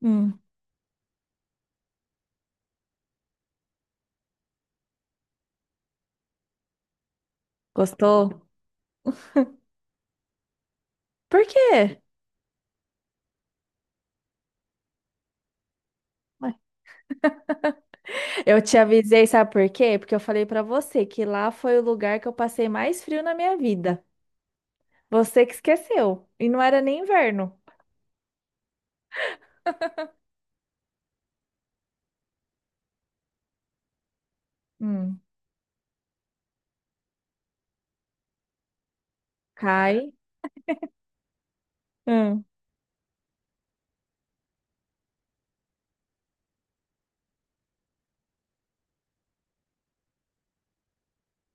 Hum, Gostou? Por quê? Ué, eu te avisei, sabe por quê? Porque eu falei pra você que lá foi o lugar que eu passei mais frio na minha vida. Você que esqueceu. E não era nem inverno. Hum, Cai. Hum,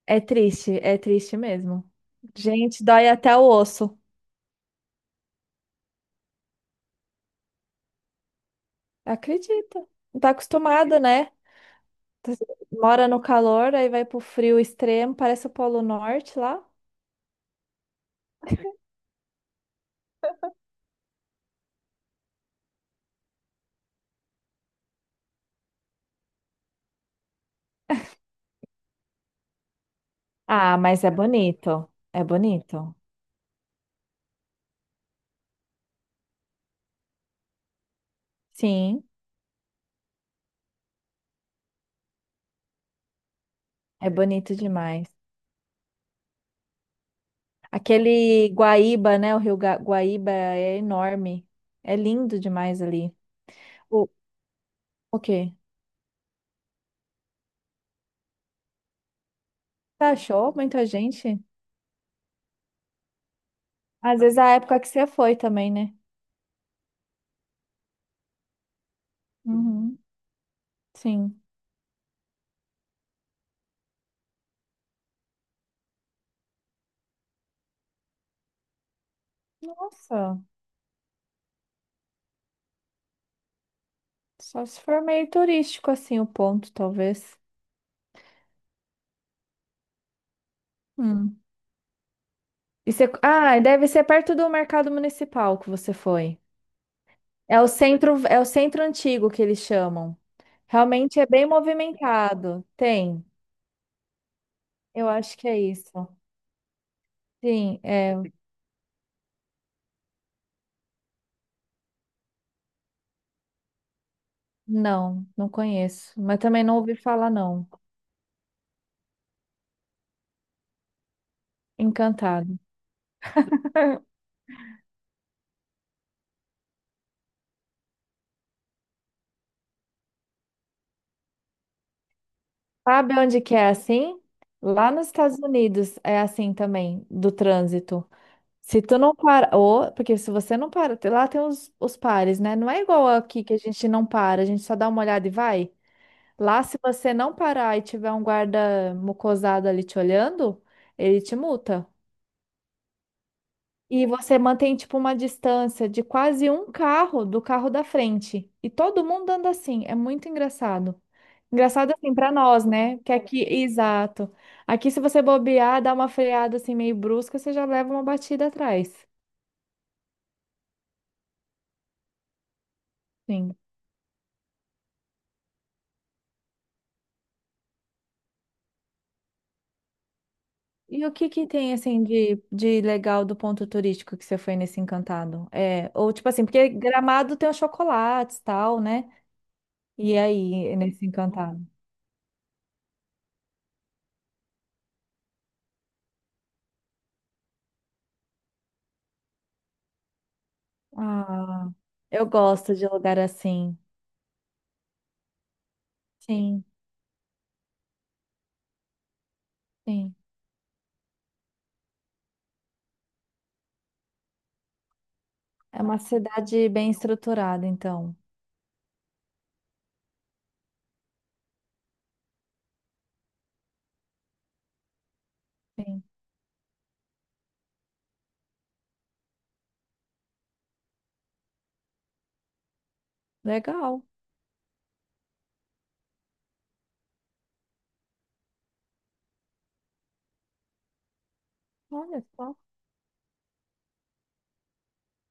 É triste mesmo. Gente, dói até o osso. Acredita. Não tá acostumada, né? Tá- Mora no calor, aí vai pro frio extremo, parece o Polo Norte lá. Ah, mas é bonito. É bonito. Sim, é bonito demais. Aquele Guaíba, né? O Rio Guaíba é enorme. É lindo demais ali. O, o quê? Você achou muita gente? Às vezes a época que você foi também, né? Uhum, sim. Nossa, só se for meio turístico assim o ponto, talvez. Hum. Ah, e deve ser perto do mercado municipal que você foi. É o centro antigo que eles chamam. Realmente é bem movimentado. Tem. Eu acho que é isso. Sim, é. Não, não conheço, mas também não ouvi falar, não. Encantado. Sabe onde que é assim? Lá nos Estados Unidos é assim também, do trânsito. Se tu não para, ou, porque se você não para, lá tem os pares, né? Não é igual aqui que a gente não para, a gente só dá uma olhada e vai. Lá, se você não parar e tiver um guarda mucosado ali te olhando, ele te multa. E você mantém tipo uma distância de quase um carro do carro da frente. E todo mundo anda assim, é muito engraçado. Engraçado assim para nós, né? Que aqui, exato. Aqui se você bobear, dar uma freada assim meio brusca, você já leva uma batida atrás. Sim. E o que que tem assim de legal do ponto turístico que você foi nesse Encantado? É, ou tipo assim, porque Gramado tem os chocolates, tal, né? E aí, nesse Encantado? Ah, eu gosto de lugar assim. Sim. Sim. É uma cidade bem estruturada, então. Sim. Legal. Olha só.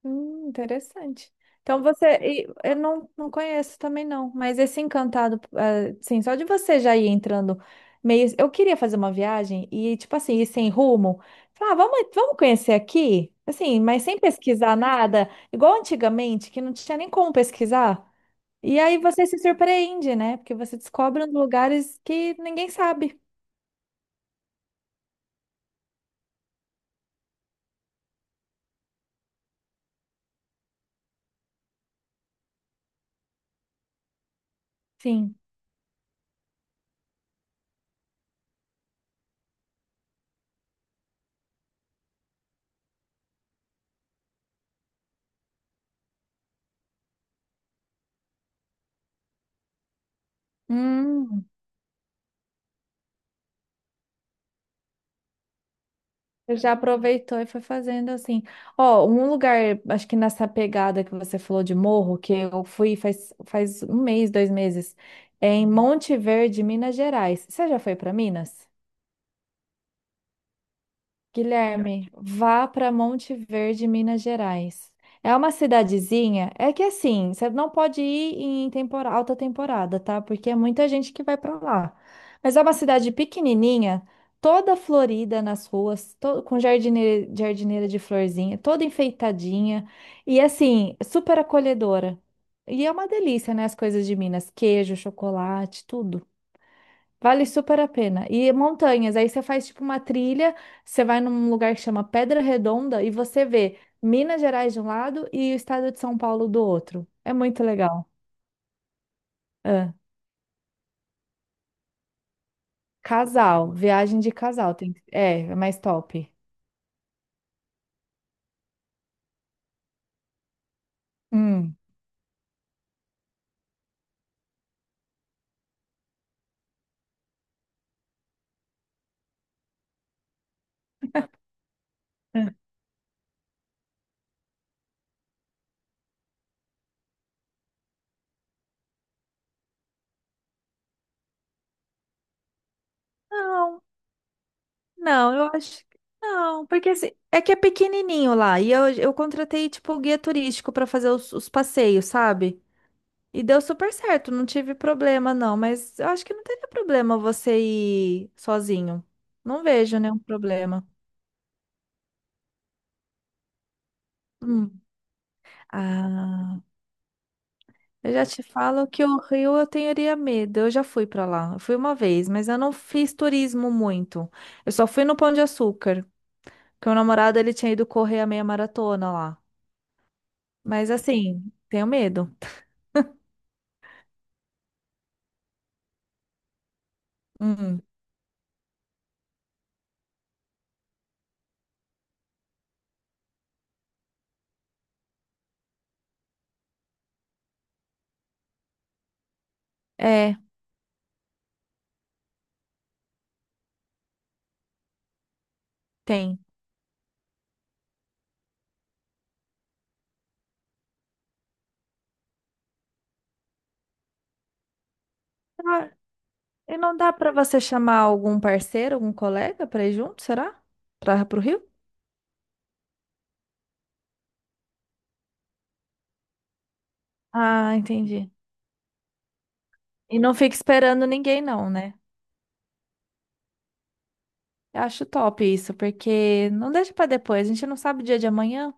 Interessante. Então você. E Eu não, não conheço também, não. Mas esse encantado, sim, só de você já ir entrando meio. Eu queria fazer uma viagem e, tipo assim, ir sem rumo. Falar, ah, vamos, vamos conhecer aqui? Assim, mas sem pesquisar nada, igual antigamente, que não tinha nem como pesquisar. E aí você se surpreende, né? Porque você descobre uns lugares que ninguém sabe. Sim. Hum. Ele Já aproveitou e foi fazendo assim. Ó, um lugar, acho que nessa pegada que você falou de morro, que eu fui faz um mês, dois meses, é em Monte Verde, Minas Gerais. Você já foi para Minas? Guilherme, vá para Monte Verde, Minas Gerais. É uma cidadezinha, é que assim, você não pode ir em alta temporada, tá? Porque é muita gente que vai para lá. Mas é uma cidade pequenininha, toda florida nas ruas, com jardineira, de florzinha, toda enfeitadinha e assim, super acolhedora. E é uma delícia, né? As coisas de Minas, queijo, chocolate, tudo. Vale super a pena. E montanhas, aí você faz tipo uma trilha, você vai num lugar que chama Pedra Redonda e você vê Minas Gerais de um lado e o estado de São Paulo do outro. É muito legal. Ah, casal, viagem de casal, é mais top. Hum. Ah. Não, não, eu acho que não, porque assim, é que é pequenininho lá e eu contratei tipo o guia turístico para fazer os passeios, sabe? E deu super certo, não tive problema não, mas eu acho que não teria problema você ir sozinho. Não vejo nenhum problema. Hum. Ah, eu já te falo que o Rio eu teria medo. Eu já fui pra lá. Eu fui uma vez, mas eu não fiz turismo muito. Eu só fui no Pão de Açúcar, porque o namorado ele tinha ido correr a meia maratona lá. Mas assim, tenho medo. Hum. É, tem. Ah, e não dá pra você chamar algum parceiro, algum colega pra ir junto, será? Para pro Rio? Ah, entendi. E não fica esperando ninguém, não, né? Eu acho top isso, porque não deixa pra depois, a gente não sabe o dia de amanhã.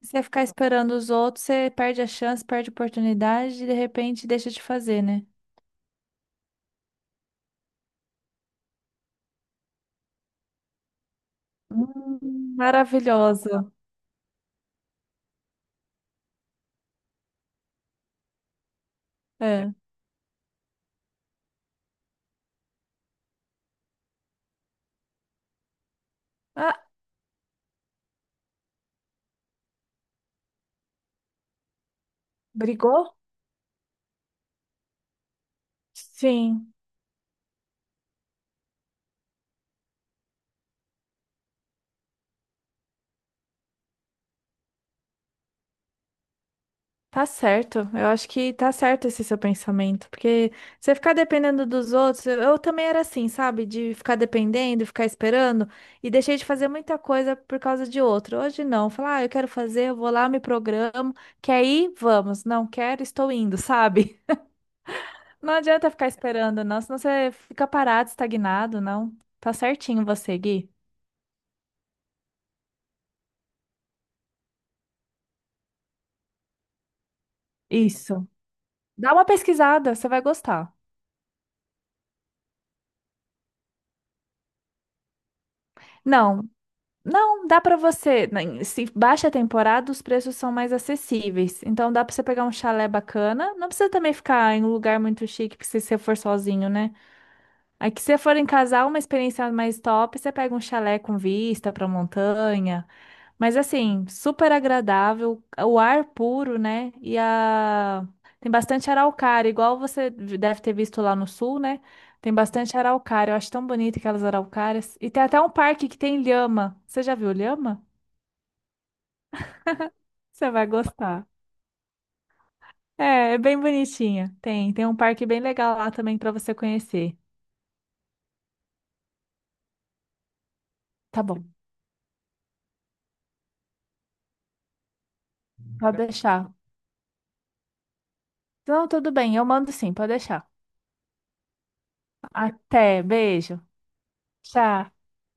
Se você ficar esperando os outros, você perde a chance, perde a oportunidade e de repente deixa de fazer, né? Maravilhosa. É. Ah, brigou? Sim. Tá certo, eu acho que tá certo esse seu pensamento, porque você ficar dependendo dos outros, eu também era assim, sabe? De ficar dependendo, ficar esperando, e deixei de fazer muita coisa por causa de outro. Hoje não, falar, ah, eu quero fazer, eu vou lá, me programo, quer ir? Vamos, não quero, estou indo, sabe? Não adianta ficar esperando, não, senão você fica parado, estagnado, não. Tá certinho você, Gui. Isso. Dá uma pesquisada, você vai gostar. Não, não, dá pra você. Se baixa a temporada, os preços são mais acessíveis. Então dá pra você pegar um chalé bacana. Não precisa também ficar em um lugar muito chique, porque se você for sozinho, né? Aí que se você for em casal, uma experiência mais top, você pega um chalé com vista pra montanha. Mas assim, super agradável, o ar puro, né? Tem bastante araucária, igual você deve ter visto lá no sul, né? Tem bastante araucária, eu acho tão bonito aquelas araucárias. E tem até um parque que tem lhama. Você já viu lhama? Você vai gostar. É, é bem bonitinha. Tem um parque bem legal lá também pra você conhecer. Tá bom, pode deixar. Não, tudo bem, eu mando sim, pode deixar. Até, beijo. Tchau.